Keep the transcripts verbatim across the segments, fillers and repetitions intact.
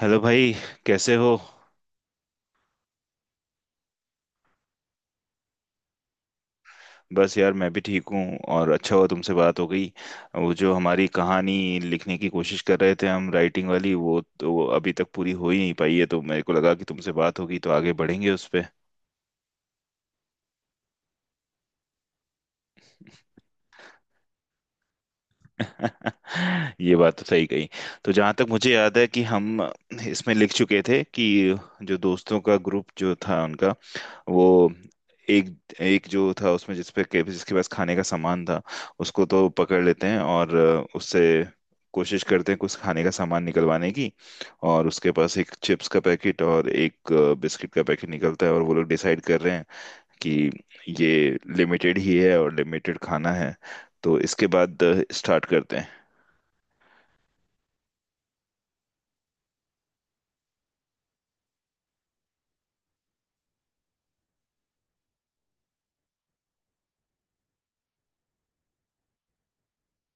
Hello भाई। कैसे हो। बस यार, मैं भी ठीक हूँ और अच्छा हुआ तुमसे बात हो गई। वो जो हमारी कहानी लिखने की कोशिश कर रहे थे हम, राइटिंग वाली, वो तो अभी तक पूरी हो ही नहीं पाई है तो मेरे को लगा कि तुमसे बात होगी तो आगे बढ़ेंगे उस पे। ये बात तो सही कही। तो जहां तक मुझे याद है कि हम इसमें लिख चुके थे कि जो दोस्तों का ग्रुप जो था उनका, वो एक, एक जो था उसमें जिसपे के- जिसके पास खाने का सामान था उसको तो पकड़ लेते हैं और उससे कोशिश करते हैं कुछ खाने का सामान निकलवाने की। और उसके पास एक चिप्स का पैकेट और एक बिस्किट का पैकेट निकलता है और वो लोग डिसाइड कर रहे हैं कि ये लिमिटेड ही है और लिमिटेड खाना है। तो इसके बाद स्टार्ट करते हैं।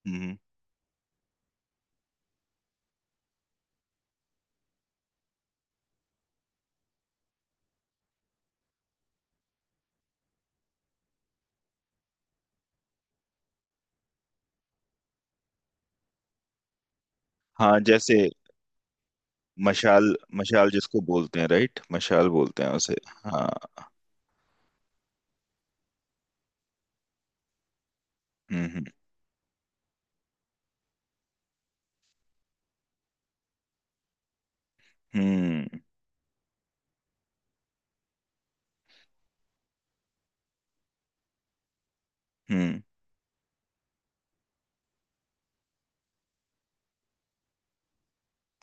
हम्म। हाँ, जैसे मशाल। मशाल जिसको बोलते हैं, राइट, मशाल बोलते हैं उसे। हाँ। हम्म। हम्म। हम्म। हम्म,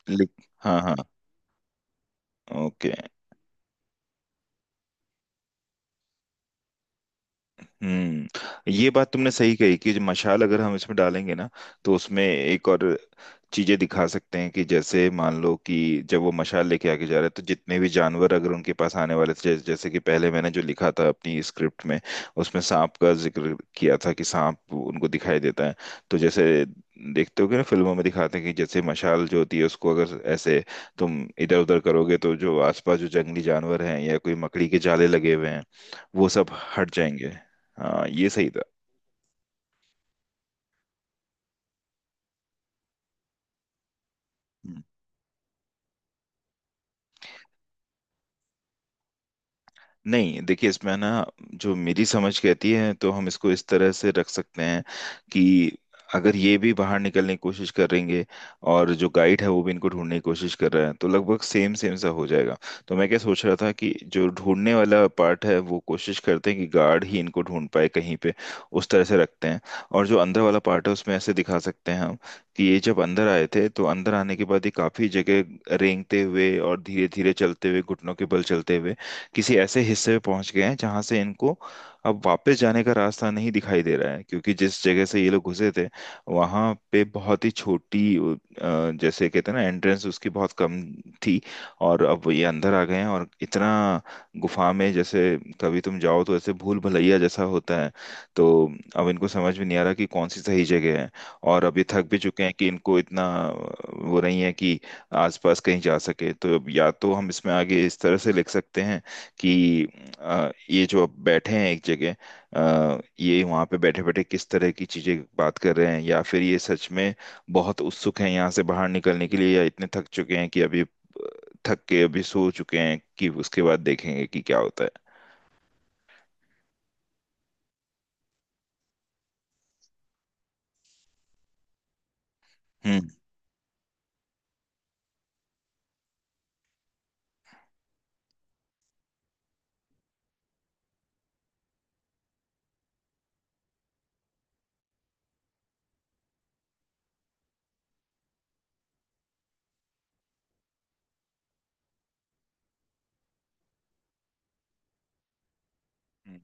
लिख। हाँ, हाँ। ओके। हम्म, ये बात तुमने सही कही कि जो मशाल अगर हम इसमें डालेंगे ना, तो उसमें एक और चीजें दिखा सकते हैं कि जैसे मान लो कि जब वो मशाल लेके आगे जा रहा है तो जितने भी जानवर अगर उनके पास आने वाले थे, जैसे जैसे कि पहले मैंने जो लिखा था अपनी स्क्रिप्ट में उसमें सांप का जिक्र किया था कि सांप उनको दिखाई देता है। तो जैसे देखते हो कि ना, फिल्मों में दिखाते हैं कि जैसे मशाल जो होती है उसको अगर ऐसे तुम इधर उधर करोगे तो जो आसपास जो जंगली जानवर हैं या कोई मकड़ी के जाले लगे हुए हैं वो सब हट जाएंगे। हाँ, ये सही था। नहीं, देखिए इसमें ना, जो मेरी समझ कहती है तो हम इसको इस तरह से रख सकते हैं कि अगर ये भी बाहर निकलने की कोशिश करेंगे और जो गाइड है वो भी इनको ढूंढने की कोशिश कर रहा है तो लगभग सेम सेम सा हो जाएगा। तो मैं क्या सोच रहा था कि जो ढूंढने वाला पार्ट है वो कोशिश करते हैं कि गार्ड ही इनको ढूंढ पाए कहीं पे, उस तरह से रखते हैं। और जो अंदर वाला पार्ट है उसमें ऐसे दिखा सकते हैं हम, कि ये जब अंदर आए थे तो अंदर आने के बाद ये काफी जगह रेंगते हुए और धीरे धीरे चलते हुए, घुटनों के बल चलते हुए किसी ऐसे हिस्से में पहुंच गए हैं जहां से इनको अब वापस जाने का रास्ता नहीं दिखाई दे रहा है, क्योंकि जिस जगह से ये लोग घुसे थे वहां पे बहुत ही छोटी, अ, जैसे कहते हैं ना, एंट्रेंस, उसकी बहुत कम थी। और अब ये अंदर आ गए हैं और इतना गुफा में, जैसे कभी तुम जाओ तो ऐसे भूल भुलैया जैसा होता है, तो अब इनको समझ में नहीं आ रहा कि कौन सी सही जगह है। और अब ये थक भी चुके हैं कि इनको इतना वो नहीं है कि आसपास कहीं जा सके। तो अब या तो हम इसमें आगे इस तरह से लिख सकते हैं कि अ, ये जो अब बैठे हैं एक जगह, अ, ये वहाँ पे बैठे बैठे किस तरह की चीजें बात कर रहे हैं, या फिर ये सच में बहुत उत्सुक हैं यहाँ से बाहर निकलने के लिए, या इतने थक चुके हैं कि अभी अ, थक के अभी सो चुके हैं कि उसके बाद देखेंगे कि क्या होता है। हम्म। हम्म।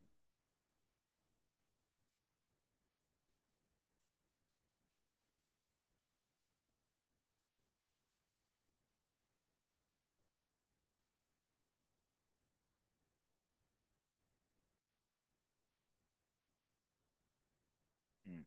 हम्म।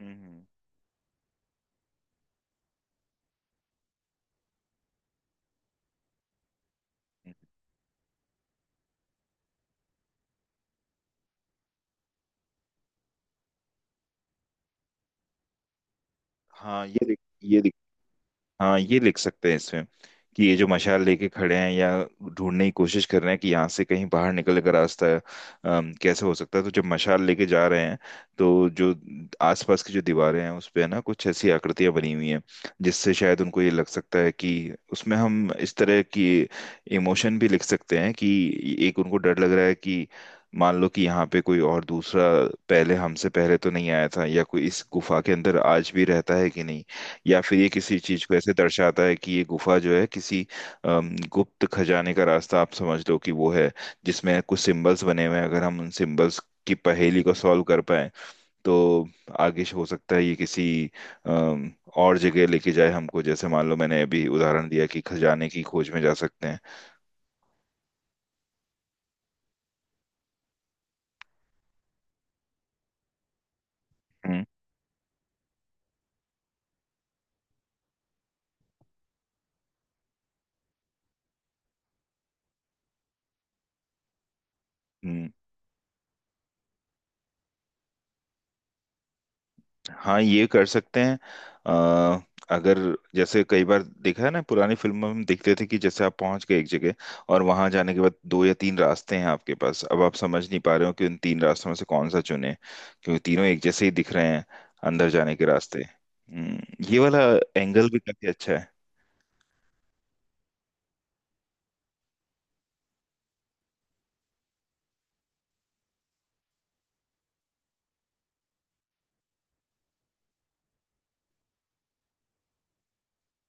हम्म। हम्म। हम्म। हाँ, ये दिख- ये हाँ ये लिख सकते हैं इसमें कि ये जो मशाल लेके खड़े हैं या ढूंढने की कोशिश कर रहे हैं कि यहाँ से कहीं बाहर निकलने का रास्ता अम, कैसे हो सकता है, तो जब मशाल लेके जा रहे हैं तो जो आसपास की जो दीवारें हैं उस पे ना कुछ ऐसी आकृतियां बनी हुई हैं जिससे शायद उनको ये लग सकता है कि, उसमें हम इस तरह की इमोशन भी लिख सकते हैं कि एक उनको डर लग रहा है कि मान लो कि यहाँ पे कोई और दूसरा, पहले हमसे पहले तो नहीं आया था, या कोई इस गुफा के अंदर आज भी रहता है कि नहीं, या फिर ये किसी चीज को ऐसे दर्शाता है कि ये गुफा जो है किसी अम, गुप्त खजाने का रास्ता, आप समझ लो कि वो है, जिसमें कुछ सिंबल्स बने हुए हैं। अगर हम उन सिंबल्स की पहेली को सॉल्व कर पाए तो आगे हो सकता है ये किसी अम, और जगह लेके जाए हमको, जैसे मान लो मैंने अभी उदाहरण दिया कि खजाने की खोज में जा सकते हैं। हम्म। हाँ, ये कर सकते हैं। अ, अगर जैसे कई बार देखा है ना, पुरानी फिल्मों में हम देखते थे कि जैसे आप पहुंच गए एक जगह और वहां जाने के बाद दो या तीन रास्ते हैं आपके पास, अब आप समझ नहीं पा रहे हो कि उन तीन रास्तों में से कौन सा चुने, क्योंकि तीनों एक जैसे ही दिख रहे हैं, अंदर जाने के रास्ते। हम्म, ये वाला एंगल भी काफी अच्छा है।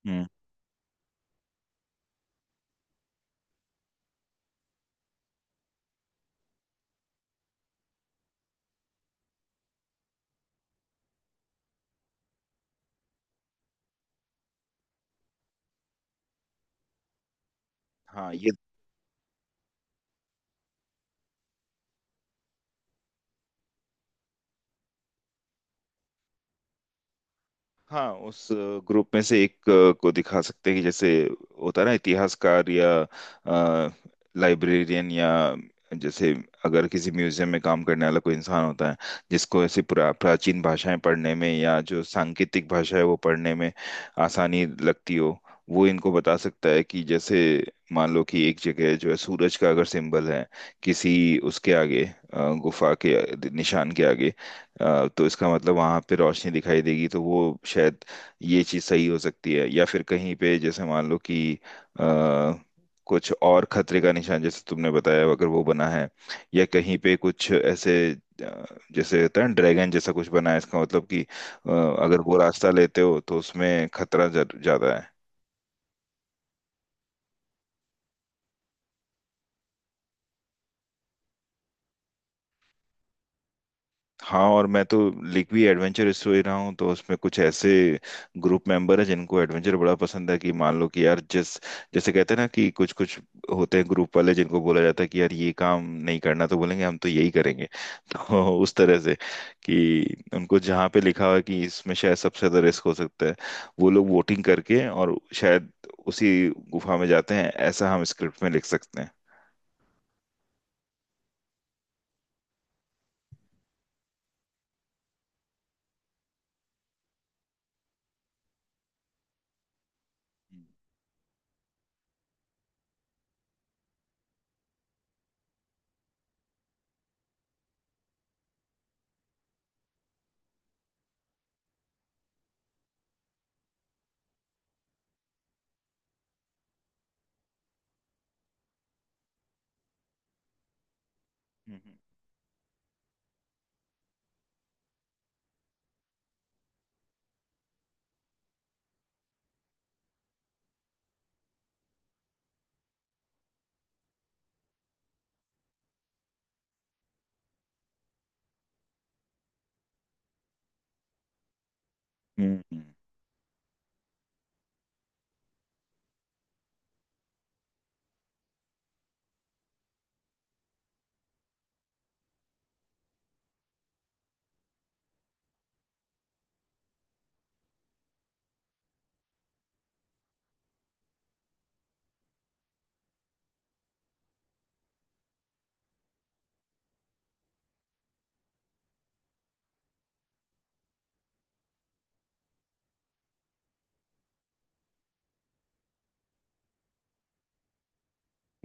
हम्म। हाँ, ये। हाँ, उस ग्रुप में से एक अ, को दिखा सकते हैं कि जैसे होता है ना, इतिहासकार या लाइब्रेरियन, या जैसे अगर किसी म्यूजियम में काम करने वाला कोई इंसान होता है जिसको ऐसी पुरा प्राचीन भाषाएं पढ़ने में या जो सांकेतिक भाषा है वो पढ़ने में आसानी लगती हो, वो इनको बता सकता है कि जैसे मान लो कि एक जगह जो है सूरज का अगर सिंबल है किसी, उसके आगे अ, गुफा के निशान के आगे, अ, तो इसका मतलब वहां पे रोशनी दिखाई देगी, तो वो शायद, ये चीज सही हो सकती है। या फिर कहीं पे जैसे मान लो कि अ, कुछ और खतरे का निशान जैसे तुमने बताया अगर वो बना है, या कहीं पे कुछ ऐसे अ, जैसे होता है ना ड्रैगन जैसा कुछ बना है, इसका मतलब कि अ, अगर वो रास्ता लेते हो तो उसमें खतरा ज्यादा है। हाँ, और मैं तो लिख भी एडवेंचर स्टोरी रहा हूँ, तो उसमें कुछ ऐसे ग्रुप मेंबर है जिनको एडवेंचर बड़ा पसंद है कि मान लो कि यार जिस, जैसे कहते हैं ना कि कुछ कुछ होते हैं ग्रुप वाले जिनको बोला जाता है कि यार ये काम नहीं करना तो बोलेंगे हम तो यही करेंगे तो उस तरह से कि उनको जहाँ पे लिखा हुआ है कि इसमें शायद सबसे ज्यादा रिस्क हो सकता है, वो लोग वोटिंग करके और शायद उसी गुफा में जाते हैं, ऐसा हम स्क्रिप्ट में लिख सकते हैं। हम्म। हम्म। हम्म। हम्म।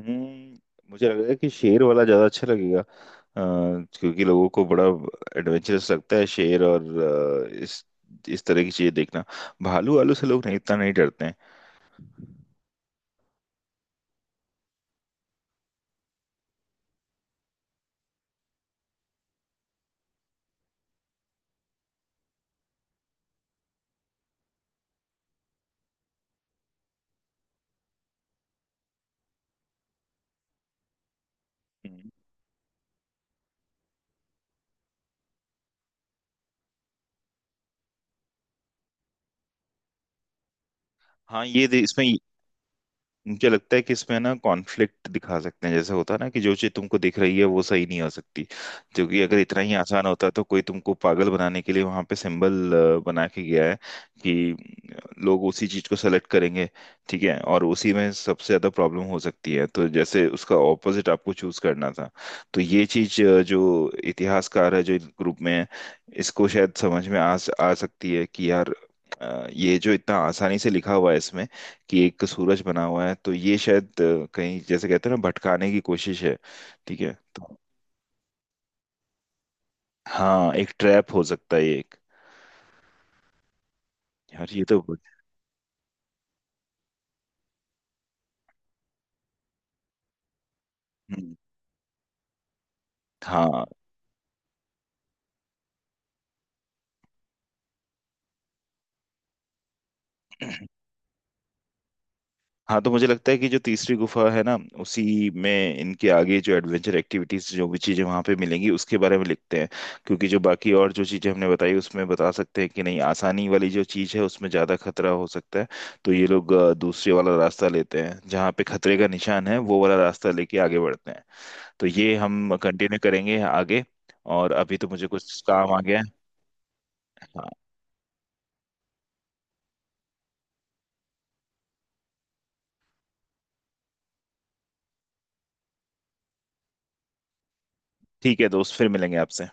हम्म, मुझे लग रहा है कि शेर वाला ज्यादा अच्छा लगेगा, अ, क्योंकि लोगों को बड़ा एडवेंचरस लगता है शेर, और अ, इस इस तरह की चीजें देखना। भालू वालू से लोग नहीं, इतना नहीं डरते हैं। हम्म। हाँ, ये दे, इसमें मुझे लगता है कि इसमें ना कॉन्फ्लिक्ट दिखा सकते हैं, जैसे होता है ना कि जो चीज तुमको दिख रही है वो सही नहीं हो सकती, जो कि अगर इतना ही आसान होता तो कोई तुमको पागल बनाने के लिए वहां पे सिंबल बना के गया है, कि लोग उसी चीज को सेलेक्ट करेंगे, ठीक है, और उसी में सबसे ज्यादा प्रॉब्लम हो सकती है, तो जैसे उसका ऑपोजिट आपको चूज करना था। तो ये चीज अ, जो इतिहासकार है जो ग्रुप में है, इसको शायद समझ में आ आ सकती है कि यार अ, ये जो इतना आसानी से लिखा हुआ है इसमें कि एक सूरज बना हुआ है, तो ये शायद, अ, कहीं, जैसे कहते हैं ना, भटकाने की कोशिश है, ठीक है तो। हाँ, एक ट्रैप हो सकता है ये, एक। यार ये तो। हम्म। हाँ, हाँ, तो मुझे लगता है कि जो तीसरी गुफा है ना, उसी में इनके आगे जो एडवेंचर एक्टिविटीज जो भी चीजें वहां पे मिलेंगी उसके बारे में लिखते हैं, क्योंकि जो बाकी और जो चीजें हमने बताई उसमें बता सकते हैं कि नहीं, आसानी वाली जो चीज है उसमें ज्यादा खतरा हो सकता है, तो ये लोग अ, दूसरे वाला रास्ता लेते हैं जहाँ पे खतरे का निशान है, वो वाला रास्ता लेके आगे बढ़ते हैं। तो ये हम कंटिन्यू करेंगे आगे, और अभी तो मुझे कुछ काम आ गया है। हाँ, ठीक है दोस्त, फिर मिलेंगे आपसे।